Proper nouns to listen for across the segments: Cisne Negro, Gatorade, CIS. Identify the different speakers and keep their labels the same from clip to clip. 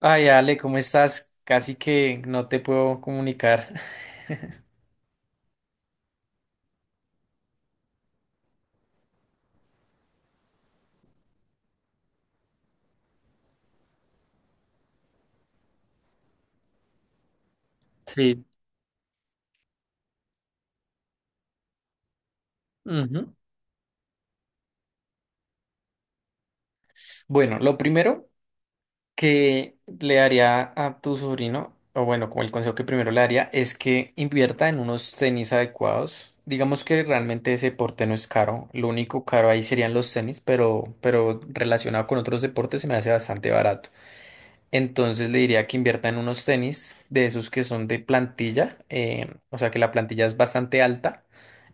Speaker 1: Ay, Ale, ¿cómo estás? Casi que no te puedo comunicar. Sí. Ujú. Bueno, lo primero que le daría a tu sobrino, o bueno, como el consejo que primero le daría, es que invierta en unos tenis adecuados. Digamos que realmente ese deporte no es caro. Lo único caro ahí serían los tenis, pero relacionado con otros deportes se me hace bastante barato. Entonces le diría que invierta en unos tenis de esos que son de plantilla, o sea que la plantilla es bastante alta.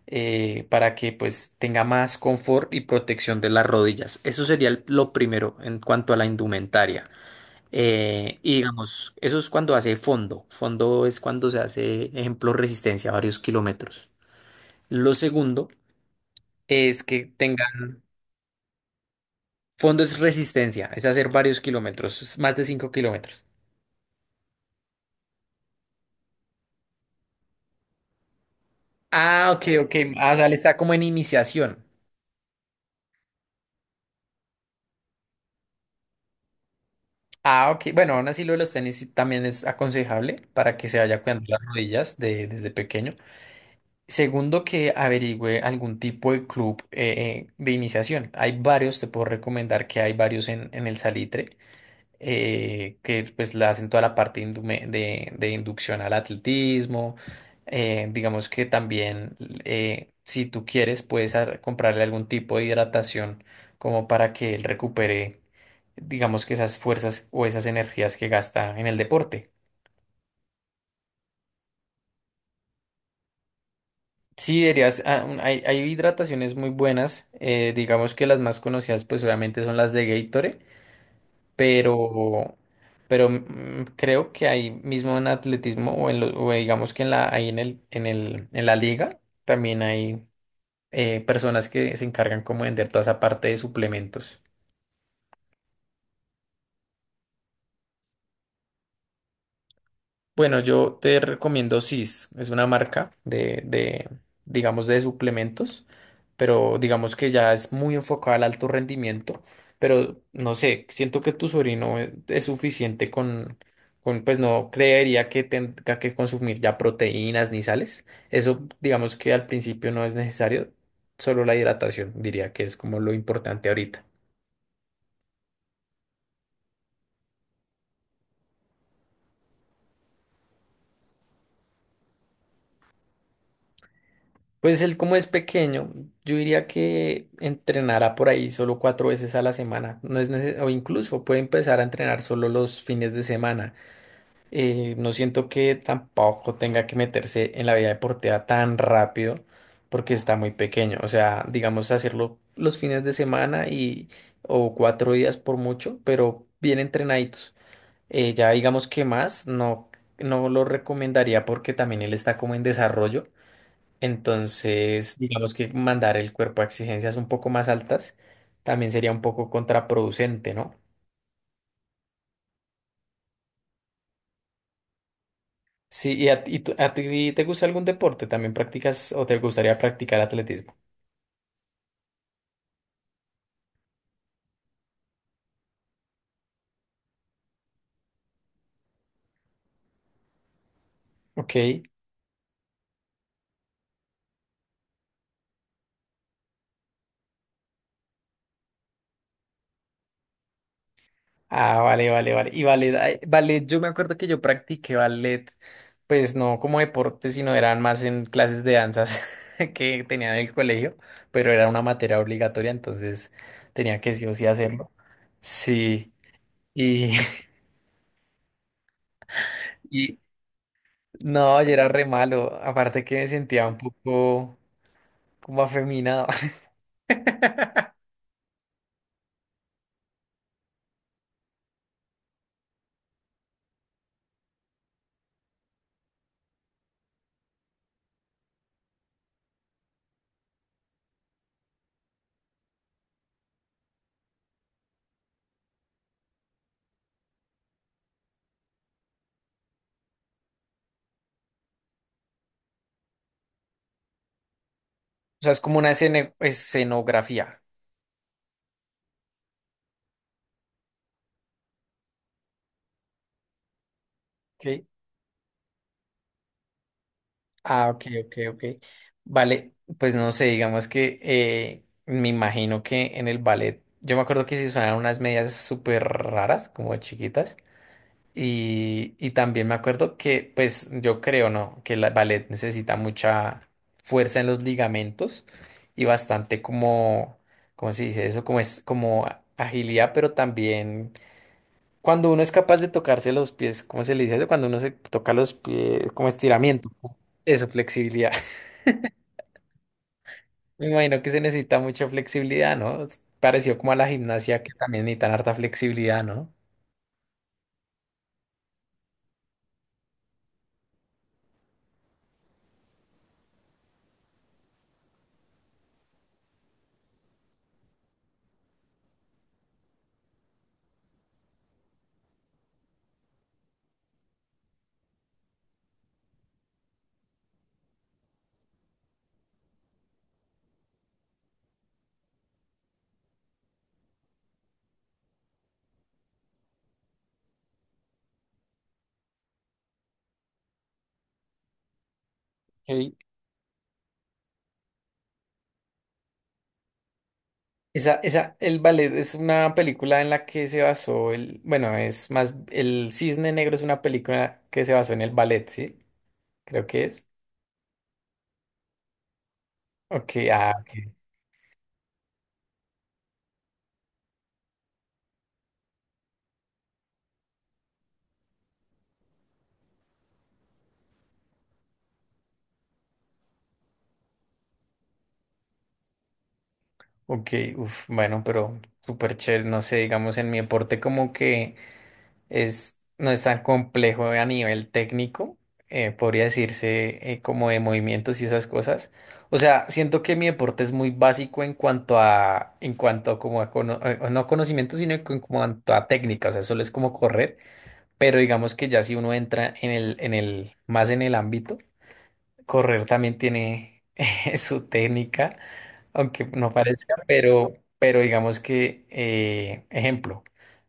Speaker 1: Para que pues tenga más confort y protección de las rodillas. Eso sería lo primero en cuanto a la indumentaria. Y digamos, eso es cuando hace fondo. Fondo es cuando se hace, ejemplo, resistencia a varios kilómetros. Lo segundo es que tengan fondo, es resistencia, es hacer varios kilómetros, es más de 5 kilómetros. Ah, ok, ok. Ah, o sea, le está como en iniciación. Ah, ok. Bueno, aún así lo de los tenis sí también es aconsejable para que se vaya cuidando las rodillas desde pequeño. Segundo, que averigüe algún tipo de club de iniciación. Hay varios, te puedo recomendar que hay varios en el Salitre, que pues le hacen toda la parte de inducción al atletismo. Digamos que también, si tú quieres, puedes comprarle algún tipo de hidratación como para que él recupere, digamos que esas fuerzas o esas energías que gasta en el deporte. Sí, dirías, hay, hay hidrataciones muy buenas, digamos que las más conocidas pues obviamente son las de Gatorade, pero, pero creo que ahí mismo en atletismo o digamos que ahí en la liga también hay personas que se encargan como de vender toda esa parte de suplementos. Bueno, yo te recomiendo CIS, es una marca de digamos, de suplementos, pero digamos que ya es muy enfocada al alto rendimiento, pero no sé, siento que tu sobrino es suficiente con pues no creería que tenga que consumir ya proteínas ni sales, eso digamos que al principio no es necesario, solo la hidratación diría que es como lo importante ahorita. Pues él como es pequeño, yo diría que entrenará por ahí solo cuatro veces a la semana. No es neces- O incluso puede empezar a entrenar solo los fines de semana. No siento que tampoco tenga que meterse en la vida deportiva tan rápido porque está muy pequeño. O sea, digamos hacerlo los fines de semana y o 4 días por mucho, pero bien entrenaditos. Ya digamos que más, no, no lo recomendaría porque también él está como en desarrollo. Entonces, digamos que mandar el cuerpo a exigencias un poco más altas también sería un poco contraproducente, ¿no? Sí, ¿y a ti te gusta algún deporte? ¿También practicas o te gustaría practicar atletismo? Ok. Ah, vale, vale, vale. Y ballet, ay, ballet, yo me acuerdo que yo practiqué ballet, pues no como deporte, sino eran más en clases de danzas que tenía en el colegio, pero era una materia obligatoria, entonces tenía que sí o sí hacerlo. Sí. Y, no, yo era re malo. Aparte que me sentía un poco como afeminado. O sea, es como una escenografía. Ok. Ah, ok, ok, ok. Vale, pues no sé, digamos que me imagino que en el ballet, yo me acuerdo que se usaban unas medias súper raras, como chiquitas. Y también me acuerdo que, pues yo creo, ¿no? Que el ballet necesita mucha fuerza en los ligamentos y bastante como, ¿cómo se dice eso? Como es, agilidad, pero también cuando uno es capaz de tocarse los pies, ¿cómo se le dice eso? Cuando uno se toca los pies, como estiramiento, ¿no? Eso, flexibilidad. Me imagino que se necesita mucha flexibilidad, ¿no? Es parecido como a la gimnasia, que también necesitan harta flexibilidad, ¿no? Esa, el ballet es una película en la que se basó el, bueno, es más, el Cisne Negro es una película que se basó en el ballet, ¿sí? Creo que es. Ok, ah, ok, ok, uf, bueno, pero súper chévere, no sé, digamos en mi aporte como que es, no es tan complejo a nivel técnico, podría decirse como de movimientos y esas cosas. O sea, siento que mi deporte es muy básico en cuanto en cuanto como a no conocimiento, sino en cuanto a técnica. O sea, solo es como correr, pero digamos que ya si uno entra en el más en el ámbito, correr también tiene su técnica aunque no parezca, pero digamos que, ejemplo,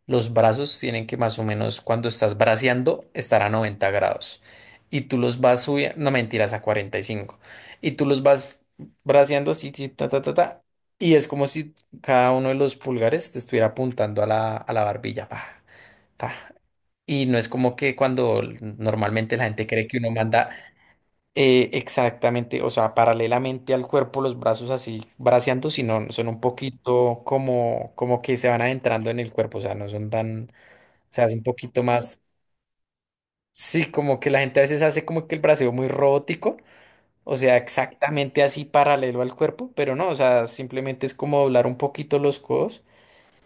Speaker 1: los brazos tienen que más o menos cuando estás braceando estar a 90 grados y tú los vas subiendo, no mentiras, a 45 y cinco y tú los vas braceando así, sí, ta, ta, ta, ta, y es como si cada uno de los pulgares te estuviera apuntando a a la barbilla, pa, pa. Y no es como que cuando normalmente la gente cree que uno manda exactamente, o sea, paralelamente al cuerpo, los brazos así braceando, sino son un poquito como, como que se van adentrando en el cuerpo, o sea, no son tan, o sea, es un poquito más, sí, como que la gente a veces hace como que el braceo muy robótico, o sea, exactamente así paralelo al cuerpo, pero no, o sea, simplemente es como doblar un poquito los codos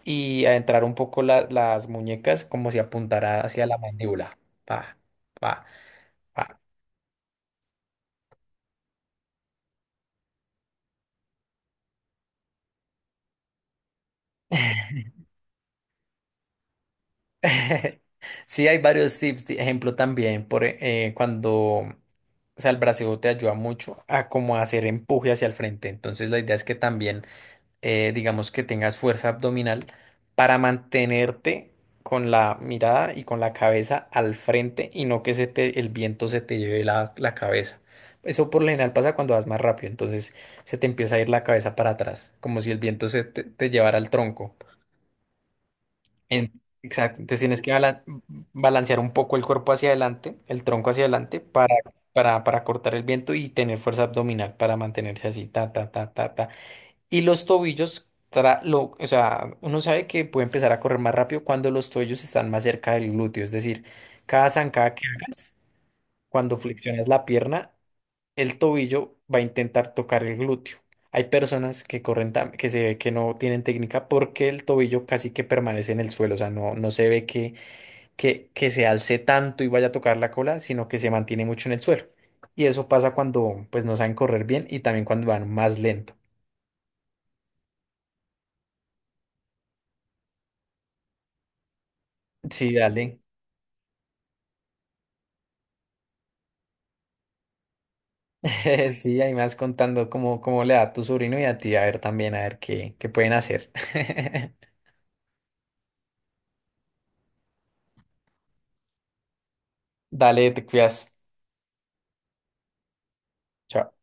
Speaker 1: y adentrar un poco las muñecas como si apuntara hacia la mandíbula, pa, pa, pa. Sí, hay varios tips, de ejemplo también, por cuando, o sea, el brasileo te ayuda mucho a como hacer empuje hacia el frente. Entonces la idea es que también, digamos que tengas fuerza abdominal para mantenerte con la mirada y con la cabeza al frente y no que se te, el viento se te lleve la cabeza. Eso por lo general pasa cuando vas más rápido, entonces se te empieza a ir la cabeza para atrás, como si el viento se te llevara al tronco. En- exacto, entonces tienes que balancear un poco el cuerpo hacia adelante, el tronco hacia adelante, para cortar el viento y tener fuerza abdominal para mantenerse así, ta, ta, ta, ta, ta. Y los tobillos, o sea, uno sabe que puede empezar a correr más rápido cuando los tobillos están más cerca del glúteo, es decir, cada zancada que hagas, cuando flexionas la pierna, el tobillo va a intentar tocar el glúteo. Hay personas que corren, que se ve que no tienen técnica porque el tobillo casi que permanece en el suelo, o sea, no, no se ve que, que se alce tanto y vaya a tocar la cola, sino que se mantiene mucho en el suelo. Y eso pasa cuando pues no saben correr bien y también cuando van más lento. Sí, dale. Sí, ahí me vas contando cómo, cómo le da a tu sobrino y a ti, a ver también, a ver qué, qué pueden hacer. Dale, te cuidas. Chao.